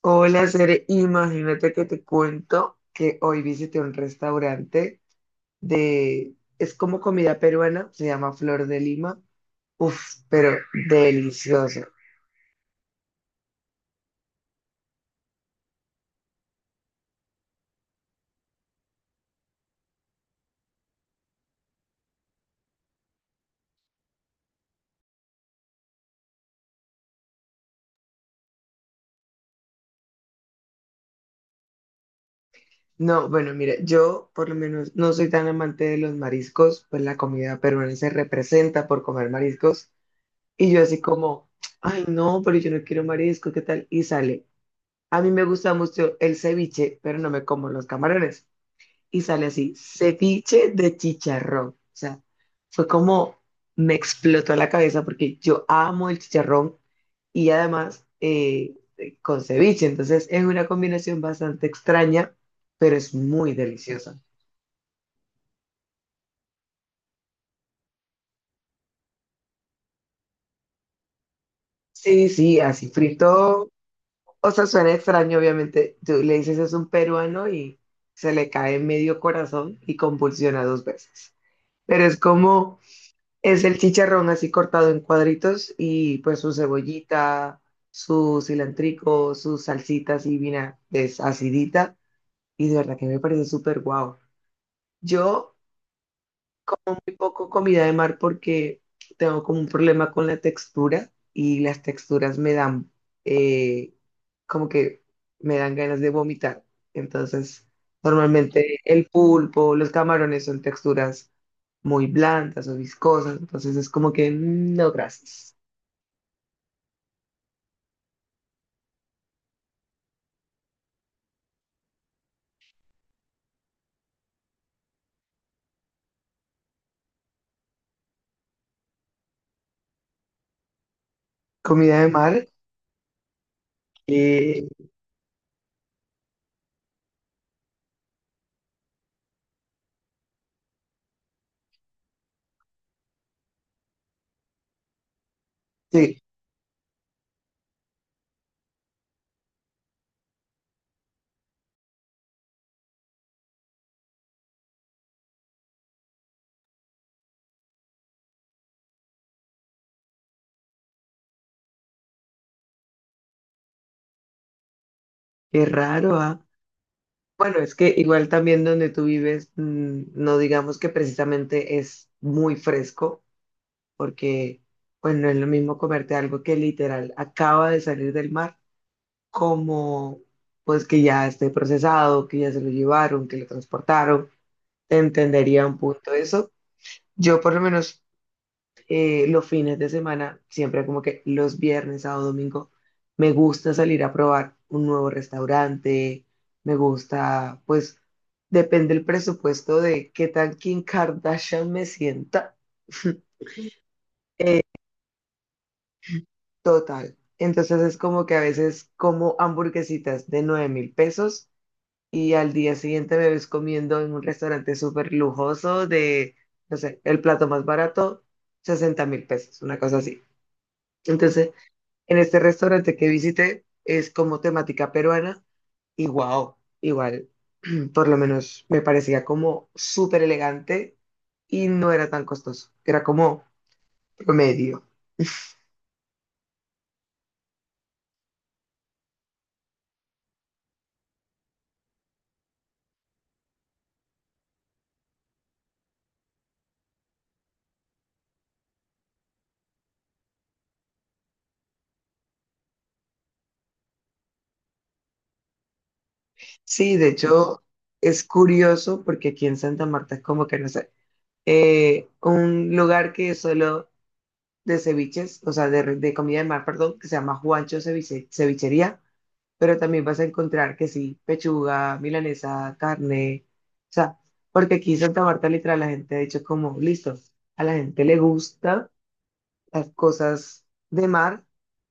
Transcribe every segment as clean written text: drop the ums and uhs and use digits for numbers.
Hola, Cere, imagínate que te cuento que hoy visité un restaurante de, es como comida peruana, se llama Flor de Lima. Uf, pero delicioso. No, bueno, mira, yo por lo menos no soy tan amante de los mariscos, pues la comida peruana se representa por comer mariscos y yo así como, ay no, pero yo no quiero marisco, ¿qué tal? Y sale. A mí me gusta mucho el ceviche, pero no me como los camarones. Y sale así, ceviche de chicharrón. O sea, fue como me explotó la cabeza porque yo amo el chicharrón y además con ceviche. Entonces es una combinación bastante extraña, pero es muy deliciosa. Sí, sí, así frito. O sea, suena extraño, obviamente. Tú le dices es un peruano y se le cae medio corazón y convulsiona dos veces. Pero es como, es el chicharrón así cortado en cuadritos y pues su cebollita, su cilantrico, sus salsitas y vinagres acidita. Y de verdad que me parece súper guau. Yo muy poco comida de mar porque tengo como un problema con la textura y las texturas me dan eh, como que me dan ganas de vomitar. Entonces, normalmente el pulpo, los camarones son texturas muy blandas o viscosas. Entonces es como que mm, no, gracias. Comida de mar, eh, sí, qué raro, ¿ah? Bueno, es que igual también donde tú vives, mm, no digamos que precisamente es muy fresco, porque pues no es lo mismo comerte algo que literal acaba de salir del mar, como pues que ya esté procesado, que ya se lo llevaron, que lo transportaron, entendería un punto eso. Yo por lo menos los fines de semana, siempre como que los viernes, sábado, domingo, me gusta salir a probar un nuevo restaurante, me gusta, pues depende el presupuesto de qué tan Kim Kardashian me sienta. Eh, Total. Entonces es como que a veces como hamburguesitas de 9.000 pesos y al día siguiente me ves comiendo en un restaurante súper lujoso de, no sé, el plato más barato, 60.000 pesos, una cosa así. Entonces, en este restaurante que visité es como temática peruana y wow, igual, por lo menos me parecía como súper elegante y no era tan costoso, era como promedio. Sí, de hecho es curioso porque aquí en Santa Marta es como que no sé, un lugar que es solo de ceviches, o sea, de comida de mar, perdón, que se llama Juancho Ceviche- Cevichería, pero también vas a encontrar que sí, pechuga, milanesa, carne, o sea, porque aquí en Santa Marta literal la gente ha dicho como, listo, a la gente le gusta las cosas de mar,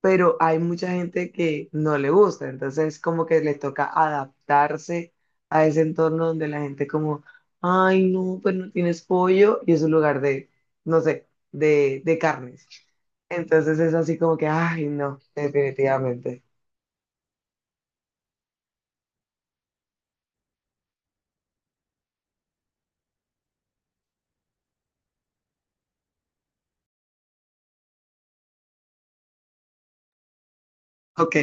pero hay mucha gente que no le gusta, entonces como que le toca adaptarse a ese entorno donde la gente como, ay no, pues no tienes pollo y es un lugar de, no sé, de carnes. Entonces es así como que, ay no, definitivamente. Ok.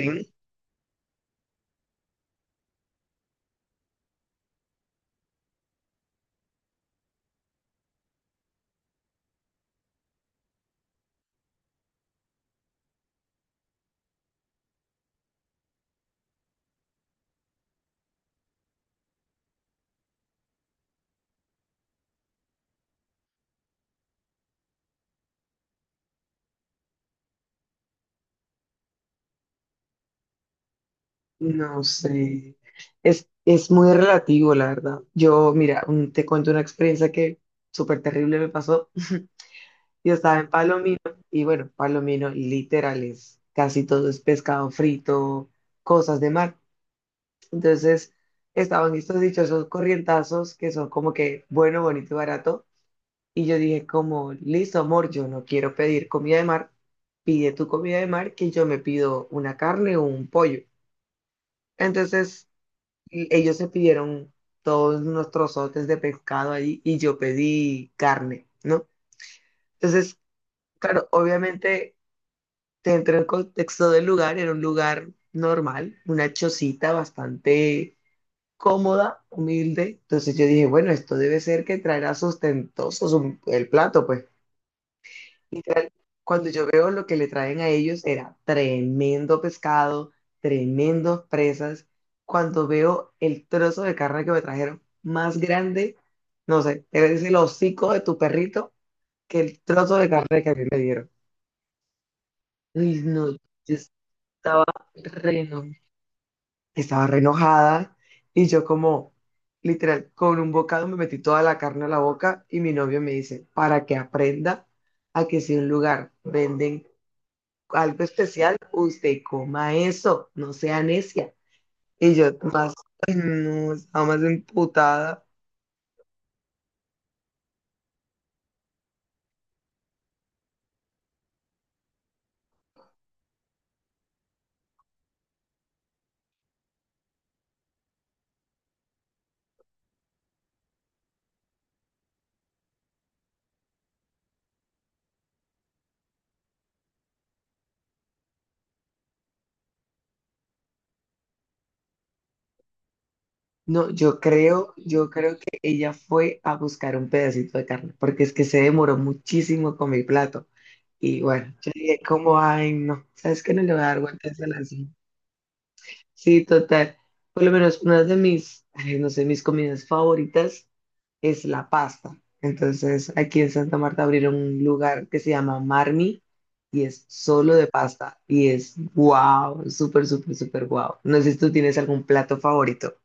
No sé, es muy relativo, la verdad. Yo, mira, un- te cuento una experiencia que súper terrible me pasó. Yo estaba en Palomino y bueno, Palomino literal es casi todo es pescado frito, cosas de mar. Entonces estaban estos dichosos corrientazos que son como que bueno, bonito y barato. Y yo dije como, listo, amor, yo no quiero pedir comida de mar, pide tu comida de mar que yo me pido una carne o un pollo. Entonces... Y ellos se pidieron todos nuestros trozotes de pescado ahí y yo pedí carne, ¿no? Entonces, claro, obviamente te entra en contexto del lugar, era un lugar normal, una chocita bastante cómoda, humilde. Entonces yo dije, bueno, esto debe ser que traerá sustentoso su- el plato, pues. Cuando yo veo lo que le traen a ellos era tremendo pescado, tremendos presas. Cuando veo el trozo de carne que me trajeron más grande, no sé, es el hocico de tu perrito que el trozo de carne que a mí me dieron. Uy, no, yo es- re no. Estaba re enojada y yo como, literal, con un bocado me metí toda la carne a la boca y mi novio me dice, para que aprenda a que si en un lugar venden algo especial, usted coma eso, no sea necia. Y yo más, ay, no, estaba más emputada. No, yo creo que ella fue a buscar un pedacito de carne, porque es que se demoró muchísimo con mi plato. Y bueno, yo dije como, ay, no, ¿sabes qué? No le voy a dar vueltas a la. Sí, total. Por lo menos una de mis, ay, no sé, mis comidas favoritas es la pasta. Entonces, aquí en Santa Marta abrieron un lugar que se llama Marmi y es solo de pasta y es wow, súper, súper, súper wow. No sé si tú tienes algún plato favorito.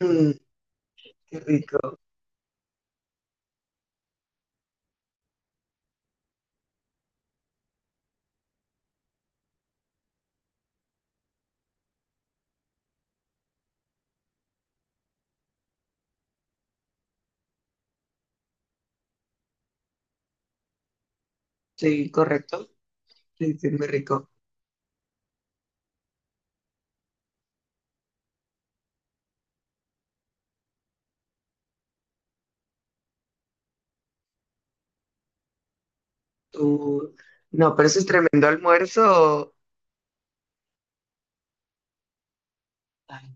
Mm, qué rico. Sí, correcto. Sí, sí, muy rico. Tú... No, pero eso es tremendo almuerzo. Ay,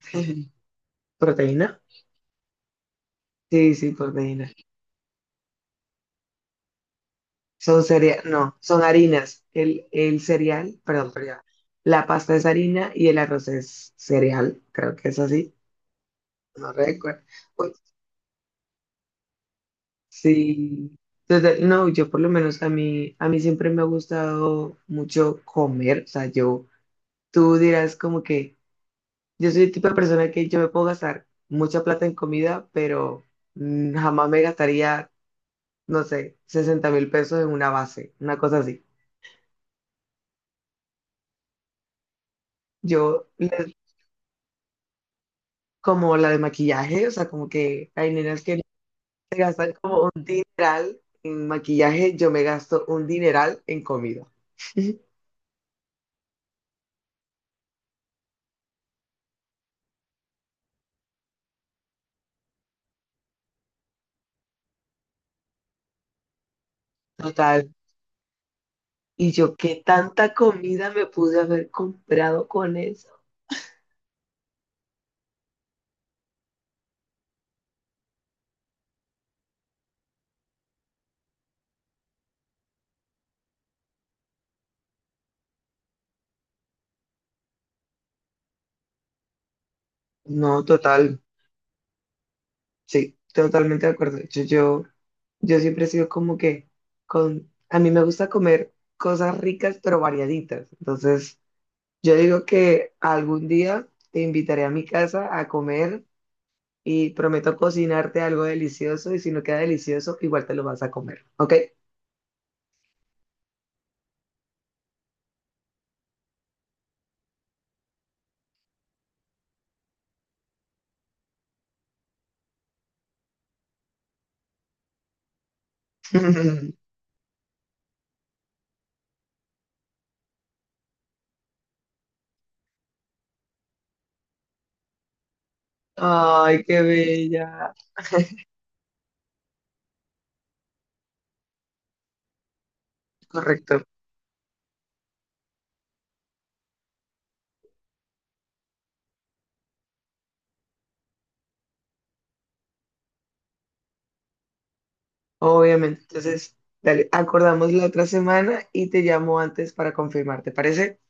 ¿Proteína? Sí, sí, proteína. Son cereales, no, son harinas. El cereal, perdón, pero la pasta es harina y el arroz es cereal, creo que es así, no recuerdo. Uy, sí, entonces, no, yo por lo menos a mí siempre me ha gustado mucho comer, o sea, yo, tú dirás como que yo soy el tipo de persona que yo me puedo gastar mucha plata en comida, pero mm, jamás me gastaría, no sé, 60.000 pesos en una base, una cosa así. Yo les como la de maquillaje, o sea, como que hay nenas que se gastan como un dineral en maquillaje, yo me gasto un dineral en comida. Total. Y yo, ¿qué tanta comida me pude haber comprado con eso? No, total, sí, totalmente de acuerdo. Yo siempre he sido como que con, a mí me gusta comer cosas ricas pero variaditas. Entonces, yo digo que algún día te invitaré a mi casa a comer y prometo cocinarte algo delicioso y si no queda delicioso, igual te lo vas a comer, ¿ok? Ay, qué bella. Correcto, obviamente. Entonces, dale, acordamos la otra semana y te llamo antes para confirmar, ¿te parece?